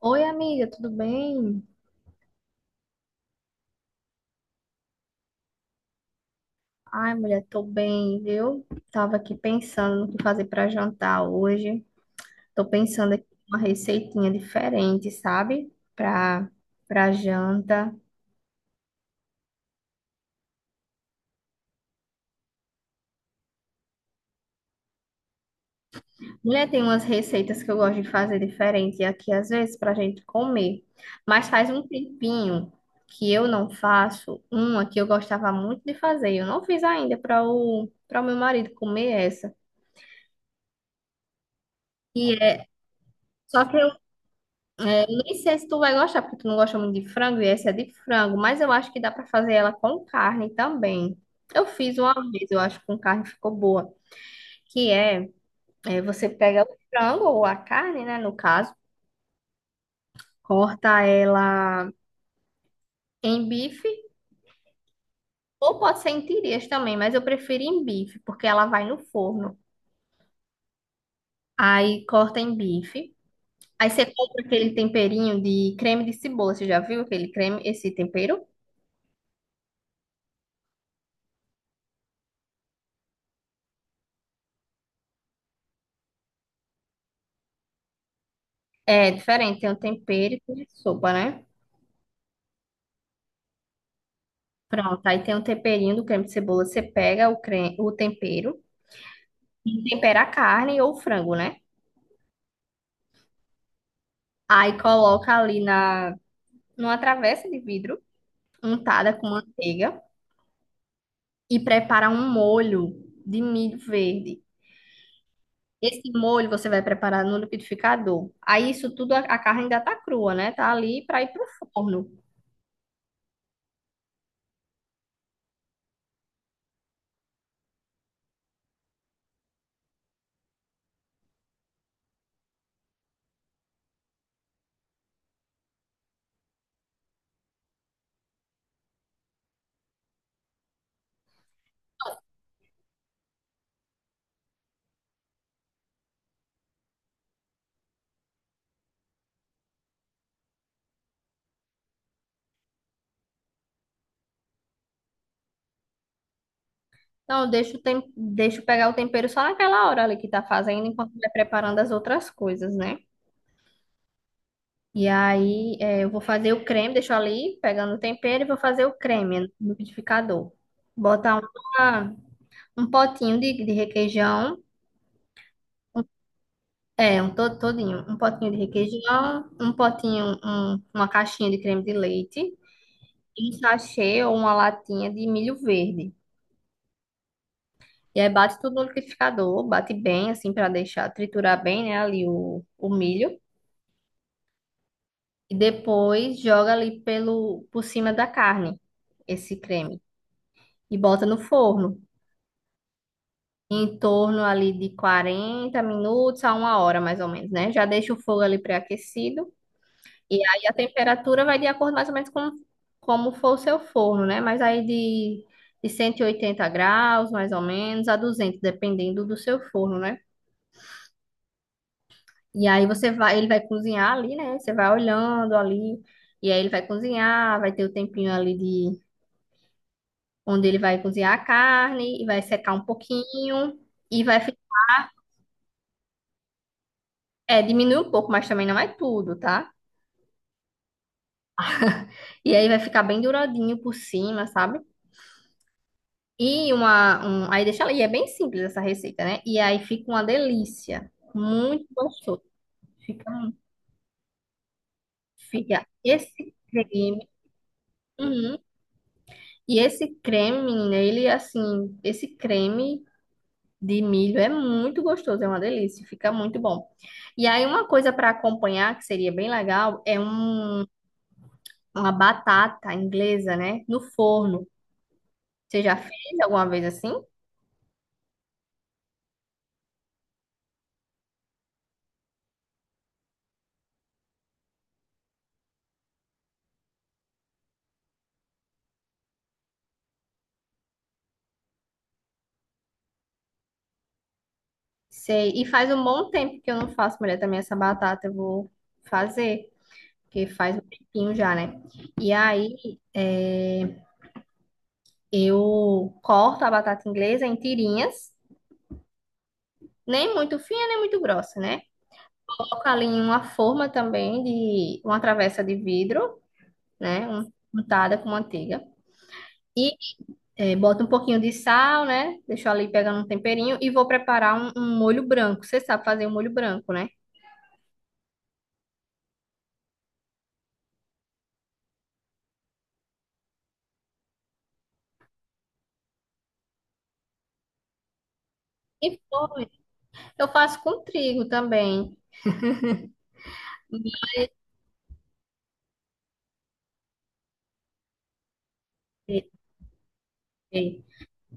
Oi, amiga, tudo bem? Ai, mulher, tô bem, viu? Tava aqui pensando no que fazer pra jantar hoje. Tô pensando aqui em uma receitinha diferente, sabe? Pra janta. Mulher, tem umas receitas que eu gosto de fazer diferente aqui, às vezes, pra gente comer. Mas faz um tempinho que eu não faço uma que eu gostava muito de fazer. Eu não fiz ainda para o meu marido comer essa. E é- só que eu Nem sei se tu vai gostar, porque tu não gosta muito de frango e essa é de frango, mas eu acho que dá pra fazer ela com carne também. Eu fiz uma vez, eu acho que com carne ficou boa. Que é, É você pega o frango ou a carne, né, no caso, corta ela em bife ou pode ser em tirinhas também, mas eu prefiro em bife, porque ela vai no forno. Aí corta em bife. Aí você compra aquele temperinho de creme de cebola, você já viu aquele creme, esse tempero? É diferente, tem um tempero e tem sopa, né? Pronto, aí tem o temperinho do creme de cebola. Você pega creme, o tempero, e tempera a carne ou o frango, né? Aí coloca numa travessa de vidro, untada com manteiga, e prepara um molho de milho verde. Esse molho você vai preparar no liquidificador. Aí isso tudo, a carne ainda tá crua, né? Tá ali para ir pro forno. Então, deixa pegar o tempero só naquela hora ali que tá fazendo, enquanto vai preparando as outras coisas, né? E aí, é, eu vou fazer o creme, deixo ali, pegando o tempero, e vou fazer o creme no liquidificador. Botar uma- um potinho de requeijão, é, todinho, um potinho de requeijão, um potinho, um- uma caixinha de creme de leite, e um sachê ou uma latinha de milho verde. E aí bate tudo no liquidificador, bate bem, assim, para deixar triturar bem, né, ali o milho. E depois joga ali por cima da carne, esse creme. E bota no forno. Em torno ali de 40 minutos a uma hora, mais ou menos, né? Já deixa o fogo ali pré-aquecido. E aí a temperatura vai de acordo mais ou menos com como for o seu forno, né? Mas aí de 180 graus, mais ou menos, a 200, dependendo do seu forno, né? E aí você vai, ele vai cozinhar ali, né? Você vai olhando ali, e aí ele vai cozinhar, vai ter o tempinho ali de onde ele vai cozinhar a carne e vai secar um pouquinho e diminuir um pouco, mas também não é tudo, tá? E aí vai ficar bem douradinho por cima, sabe? E aí deixa ela, e é bem simples essa receita, né? E aí fica uma delícia, muito gostoso. Fica, um- fica esse creme, uhum. E esse creme, menina, ele é assim, esse creme de milho é muito gostoso, é uma delícia, fica muito bom. E aí uma coisa para acompanhar que seria bem legal é uma batata inglesa, né? No forno. Você já fez alguma vez assim? Sei. E faz um bom tempo que eu não faço, mulher, também essa batata eu vou fazer, porque faz um tempinho já, né? E aí é, eu corto a batata inglesa em tirinhas, nem muito fina, nem muito grossa, né? Coloco ali em uma forma também de uma travessa de vidro, né? Untada com manteiga. E boto um pouquinho de sal, né? Deixo ali pegando um temperinho e vou preparar um molho branco. Você sabe fazer um molho branco, né? E foi. Eu faço com trigo também. Sei,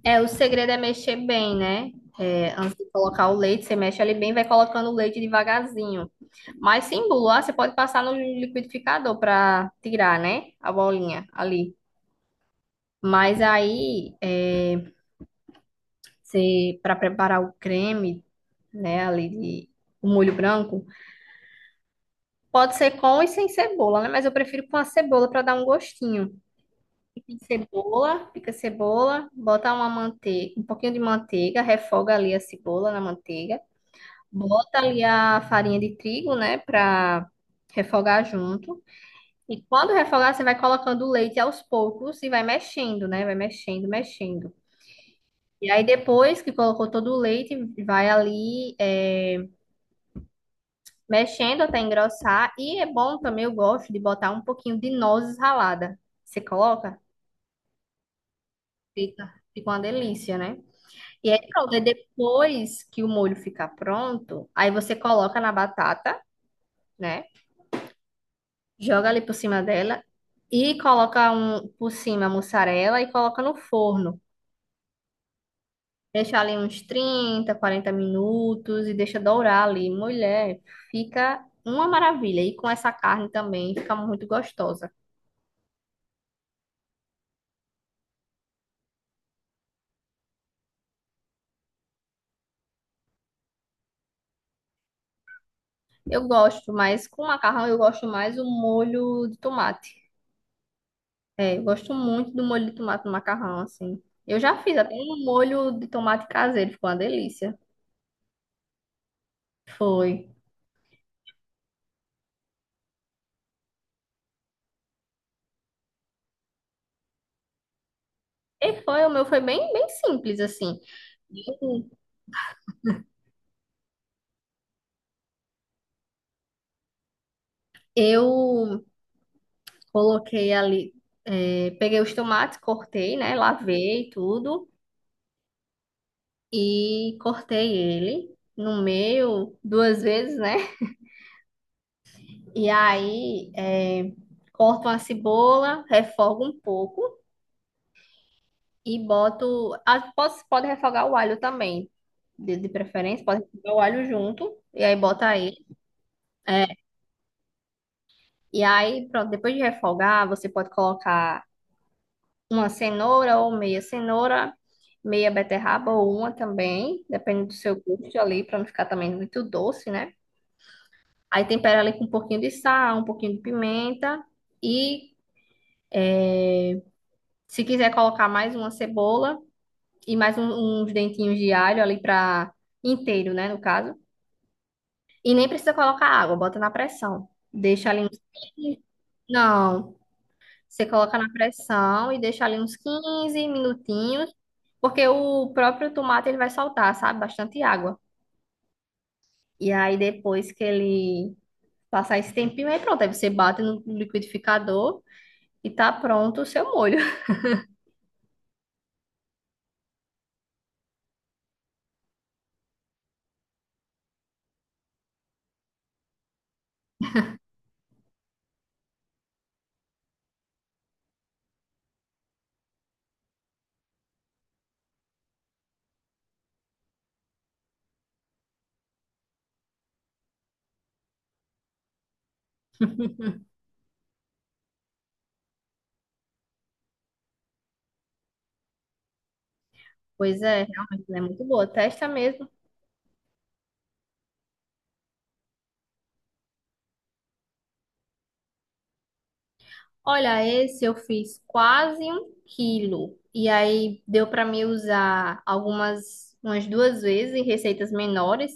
é, o segredo é mexer bem, né? É, antes de colocar o leite, você mexe ali bem, vai colocando o leite devagarzinho. Mas sem bula, você pode passar no liquidificador para tirar, né, a bolinha ali. Mas aí, você, para preparar o creme, né, ali de o molho branco, pode ser com e sem cebola, né? Mas eu prefiro com a cebola para dar um gostinho. Pica cebola, bota uma manteiga, um pouquinho de manteiga, refoga ali a cebola na manteiga, bota ali a farinha de trigo, né, pra refogar junto. E quando refogar, você vai colocando o leite aos poucos e vai mexendo, né, vai mexendo, mexendo. E aí depois que colocou todo o leite, vai ali é, mexendo até engrossar. E é bom também, eu gosto de botar um pouquinho de nozes ralada. Você coloca? Fica, fica uma delícia, né? E aí pronto, aí depois que o molho ficar pronto, aí você coloca na batata, né? Joga ali por cima dela e coloca por cima a mussarela e coloca no forno. Deixa ali uns 30, 40 minutos e deixa dourar ali. Mulher, fica uma maravilha. E com essa carne também fica muito gostosa. Eu gosto, mas com macarrão eu gosto mais o molho de tomate. É, eu gosto muito do molho de tomate no macarrão, assim. Eu já fiz até um molho de tomate caseiro, ficou uma delícia. Foi. E foi, o meu foi bem, bem simples, assim. Eu coloquei ali, peguei os tomates, cortei, né? Lavei tudo e cortei ele no meio duas vezes, né? E aí, corto uma cebola, refogo um pouco. E boto. Pode refogar o alho também, de preferência, pode refogar o alho junto. E aí bota aí. É, e aí, pronto, depois de refogar, você pode colocar uma cenoura ou meia cenoura, meia beterraba ou uma também, depende do seu gosto ali, para não ficar também muito doce, né? Aí tempera ali com um pouquinho de sal, um pouquinho de pimenta. E se quiser colocar mais uma cebola e mais uns dentinhos de alho ali para inteiro, né, no caso. E nem precisa colocar água, bota na pressão. Deixa ali uns 15. Não, você coloca na pressão e deixa ali uns 15 minutinhos, porque o próprio tomate ele vai soltar, sabe? Bastante água. E aí depois que ele passar esse tempinho, aí pronto, aí você bate no liquidificador e tá pronto o seu molho. Pois é, realmente, ela é muito boa. Testa mesmo. Olha, esse eu fiz quase um quilo. E aí deu para mim usar umas duas vezes em receitas menores.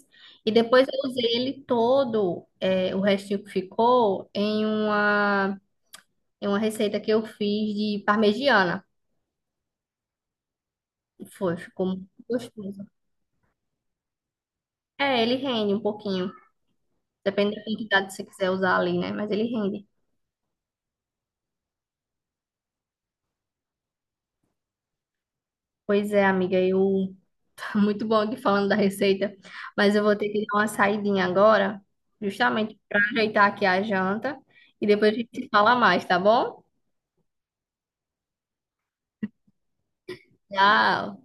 E depois eu usei ele todo, é, o restinho que ficou, em uma, receita que eu fiz de parmegiana. Foi, ficou muito gostoso. É, ele rende um pouquinho. Depende da quantidade que você quiser usar ali, né? Mas ele rende. Pois é, amiga, eu muito bom aqui falando da receita, mas eu vou ter que dar uma saidinha agora, justamente para ajeitar aqui a janta, e depois a gente se fala mais, tá bom? Tchau!